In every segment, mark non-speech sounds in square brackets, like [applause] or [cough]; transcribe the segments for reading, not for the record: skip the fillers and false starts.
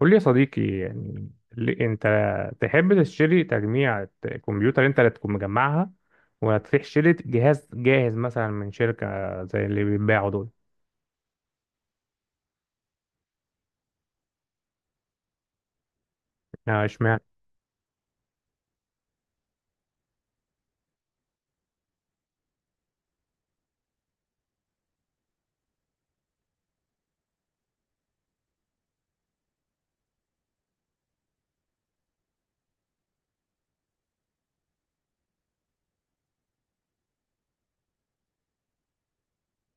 قول لي يا صديقي يعني انت تحب تشتري تجميع كمبيوتر انت اللي تكون مجمعها، ولا تروح شتري جهاز جاهز مثلا من شركة زي اللي بيتباعوا دول؟ اه، اشمعنى؟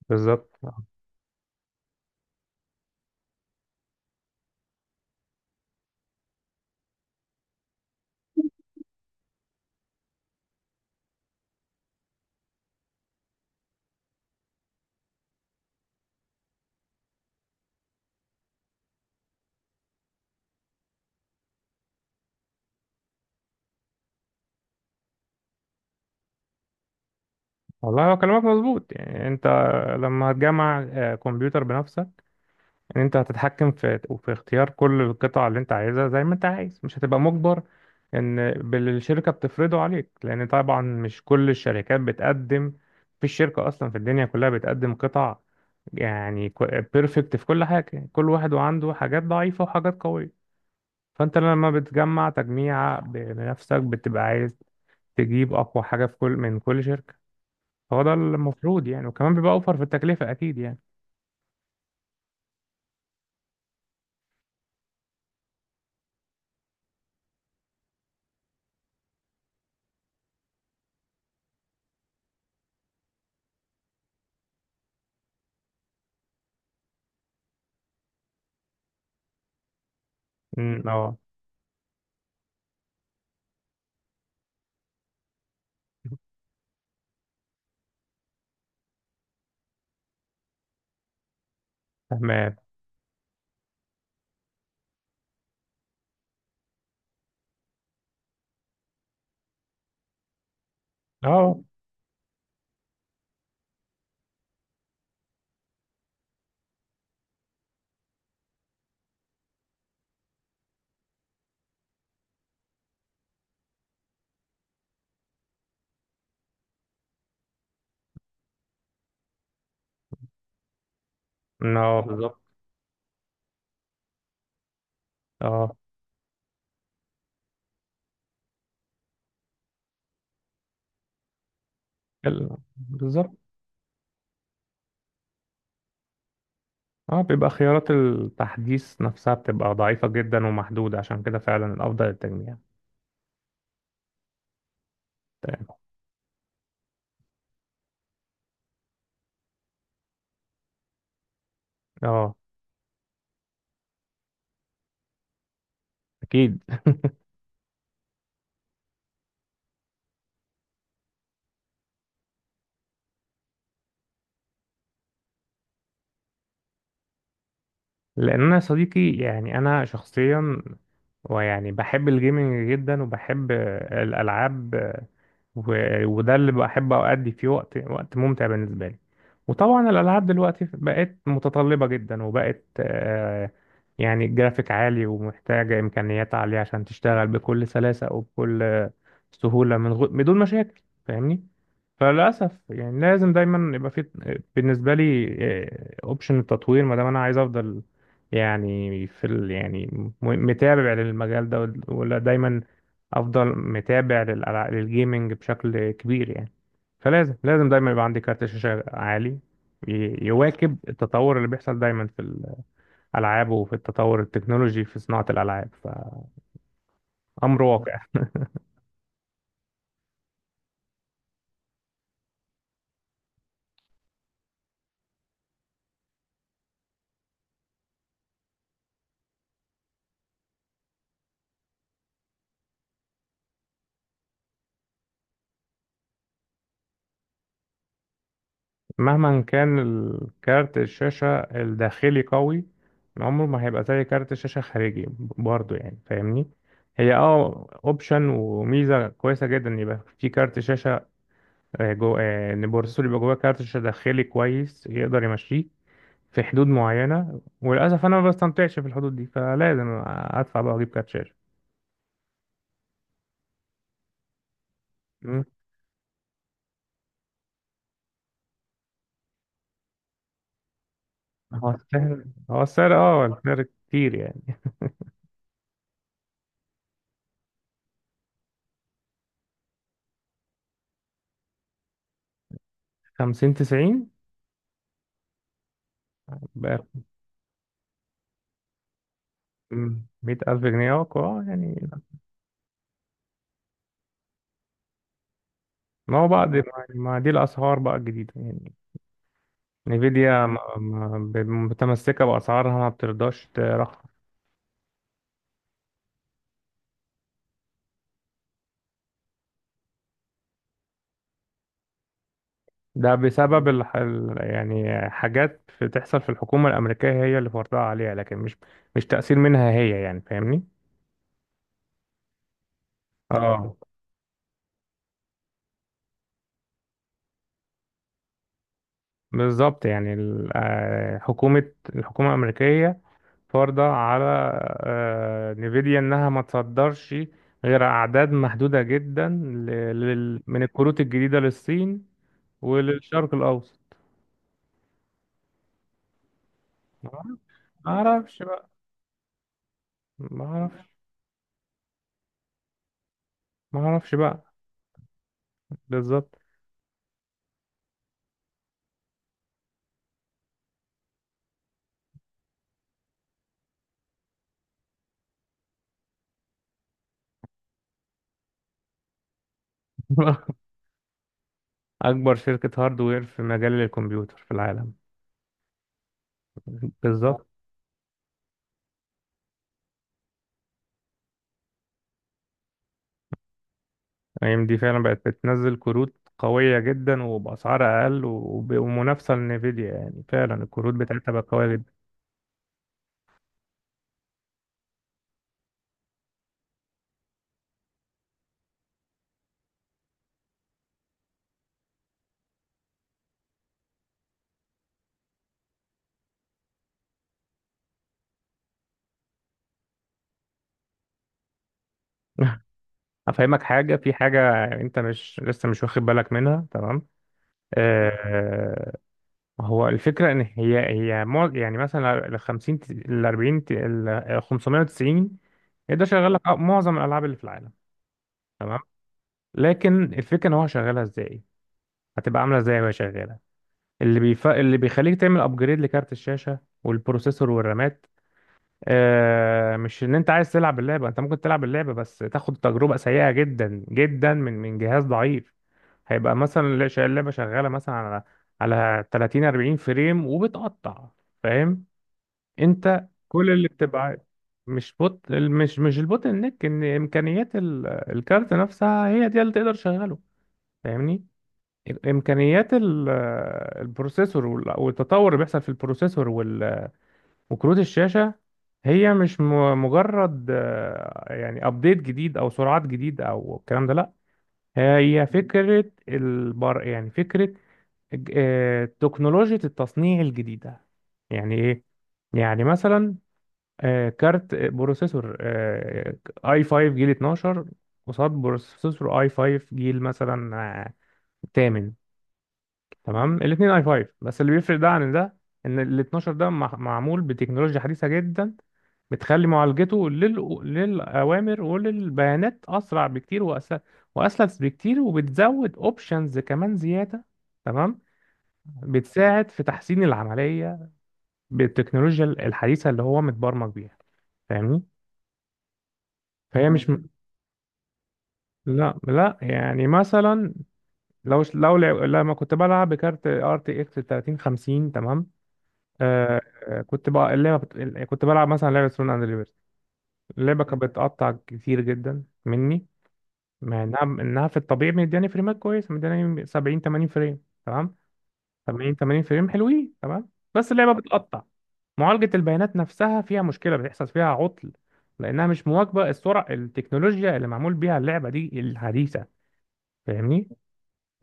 بالظبط. والله هو كلامك مظبوط. يعني انت لما هتجمع كمبيوتر بنفسك، ان انت هتتحكم في اختيار كل القطع اللي انت عايزها زي ما انت عايز، مش هتبقى مجبر ان بالشركة بتفرضه عليك. لان طبعا مش كل الشركات بتقدم، في الشركة اصلا في الدنيا كلها بتقدم قطع يعني بيرفكت في كل حاجة. كل واحد وعنده حاجات ضعيفة وحاجات قوية. فانت لما بتجمع تجميع بنفسك بتبقى عايز تجيب اقوى حاجة في كل من كل شركة. هو ده المفروض يعني، وكمان بيبقى اوفر في التكلفة اكيد يعني. اه. تمام. اه. اه، بالظبط. اه، بالظبط. اه، بيبقى خيارات التحديث نفسها بتبقى ضعيفة جدا ومحدودة، عشان كده فعلا الأفضل التجميع. تمام. اه. أكيد. لان انا يا صديقي يعني انا شخصيا ويعني بحب الجيمنج جدا، وبحب الالعاب، و- وده اللي بحب أؤدي فيه وقت ممتع بالنسبة لي. وطبعا الألعاب دلوقتي بقت متطلبة جدا، وبقت يعني جرافيك عالي، ومحتاجة إمكانيات عالية عشان تشتغل بكل سلاسة وبكل سهولة، بدون مشاكل، فاهمني؟ فللأسف يعني لازم دايما يبقى في، بالنسبة لي، أوبشن التطوير. ما دام أنا عايز أفضل يعني يعني متابع للمجال ده ولا دايما افضل متابع للجيمنج بشكل كبير يعني، فلازم دايما يبقى عندي كارت شاشة عالي يواكب التطور اللي بيحصل دايما في الألعاب وفي التطور التكنولوجي في صناعة الألعاب، فأمر واقع. مهما كان الكارت الشاشة الداخلي قوي، عمره ما هيبقى زي كارت الشاشة خارجي برضه يعني، فاهمني؟ هي اوبشن وميزة كويسة جدا إن يبقى في كارت شاشة، آه، جو آه، ان البروسيسور يبقى جواه كارت شاشة داخلي كويس، يقدر يمشيه في حدود معينة، وللأسف أنا ما بستمتعش في الحدود دي، فلازم أدفع بقى وأجيب كارت شاشة. مم. هو السعر، اه، السعر كتير يعني. خمسين تسعين بقى، مية ألف جنيه يعني. ما هو بعد ما، ما دي الأسعار بقى الجديدة يعني، نيفيديا متمسكة بأسعارها، ما بترضاش ترخص. ده بسبب يعني حاجات بتحصل في الحكومة الأمريكية، هي اللي فرضها عليها، لكن مش تأثير منها هي يعني، فاهمني؟ اه، اه، بالظبط. يعني الحكومة الأمريكية فرضة على نيفيديا إنها ما تصدرش غير أعداد محدودة جدا من الكروت الجديدة للصين وللشرق الأوسط. ما اعرفش بقى. ما اعرفش. ما اعرفش بقى. بالظبط. [laughs] اكبر شركة هاردوير في مجال الكمبيوتر في العالم. بالظبط. اي ام دي فعلا بقت بتنزل كروت قوية جدا وبأسعار أقل ومنافسة لنفيديا، يعني فعلا الكروت بتاعتها بقت قوية جدا. [laughs] أفهمك حاجة، في حاجة أنت مش لسه مش واخد بالك منها. تمام. آه، ما هو الفكرة إن هي يعني مثلا ال 50، ال 40، ال 590 يقدر يشغل لك معظم الألعاب اللي في العالم. تمام. لكن الفكرة إن هو شغالها إزاي، هتبقى عاملة إزاي وهي شغالة. اللي بيخليك تعمل أبجريد لكارت الشاشة والبروسيسور والرامات مش إن أنت عايز تلعب اللعبة. أنت ممكن تلعب اللعبة، بس تاخد تجربة سيئة جدا جدا من جهاز ضعيف. هيبقى مثلا اللعبة شغالة مثلا على، 30، 40 فريم، وبتقطع، فاهم؟ انت كل اللي بتبقى مش البوتل نيك، ان امكانيات الكارت نفسها هي دي اللي تقدر تشغله، فاهمني؟ امكانيات البروسيسور والتطور اللي بيحصل في البروسيسور وكروت الشاشه، هي مش مجرد يعني ابديت جديد او سرعات جديد او الكلام ده، لا. هي فكره البر يعني فكره تكنولوجيا التصنيع الجديده. يعني ايه؟ يعني مثلا كارت آه، بروسيسور اي 5 جيل 12 قصاد بروسيسور اي 5 جيل مثلا تامن. تمام، الاثنين اي 5، بس اللي بيفرق ده عن ده ان ال 12 ده معمول بتكنولوجيا حديثة جدا، بتخلي معالجته للأوامر وللبيانات أسرع بكتير وأسلس بكتير، وبتزود أوبشنز كمان زيادة، تمام، بتساعد في تحسين العملية بالتكنولوجيا الحديثة اللي هو متبرمج بيها، فاهمني؟ فهي مش م- لا، لا، يعني مثلا لو لو لعب لما كنت بلعب بكارت ار تي اكس 3050، تمام، آه كنت بقى كنت بلعب مثلا لعبه سون اند ليبرتي، اللعبه كانت بتقطع كتير جدا مني. مع انها في الطبيعي مدياني فريمات كويسه، مدياني 70، 80 فريم، تمام. 70، 80 فريم حلوين، تمام، بس اللعبه بتقطع. معالجه البيانات نفسها فيها مشكله، بتحصل فيها عطل، لانها مش مواكبه السرعه التكنولوجيا اللي معمول بيها اللعبه دي الحديثه، فاهمني؟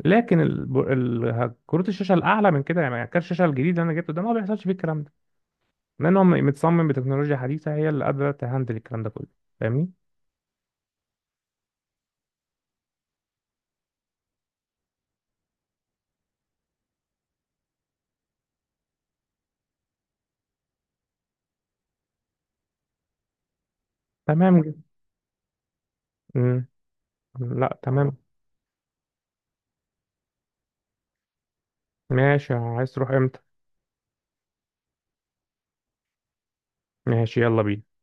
لكن كروت الشاشه الاعلى من كده، يعني كارت الشاشه الجديد اللي انا جبته ده، ما بيحصلش فيه الكلام ده، لان هو متصمم بتكنولوجيا حديثه هي اللي قادره تهندل الكلام ده كله، فاهمني؟ تمام جدا. مم. لا، تمام. ماشي، عايز تروح امتى؟ ماشي، يلا بينا.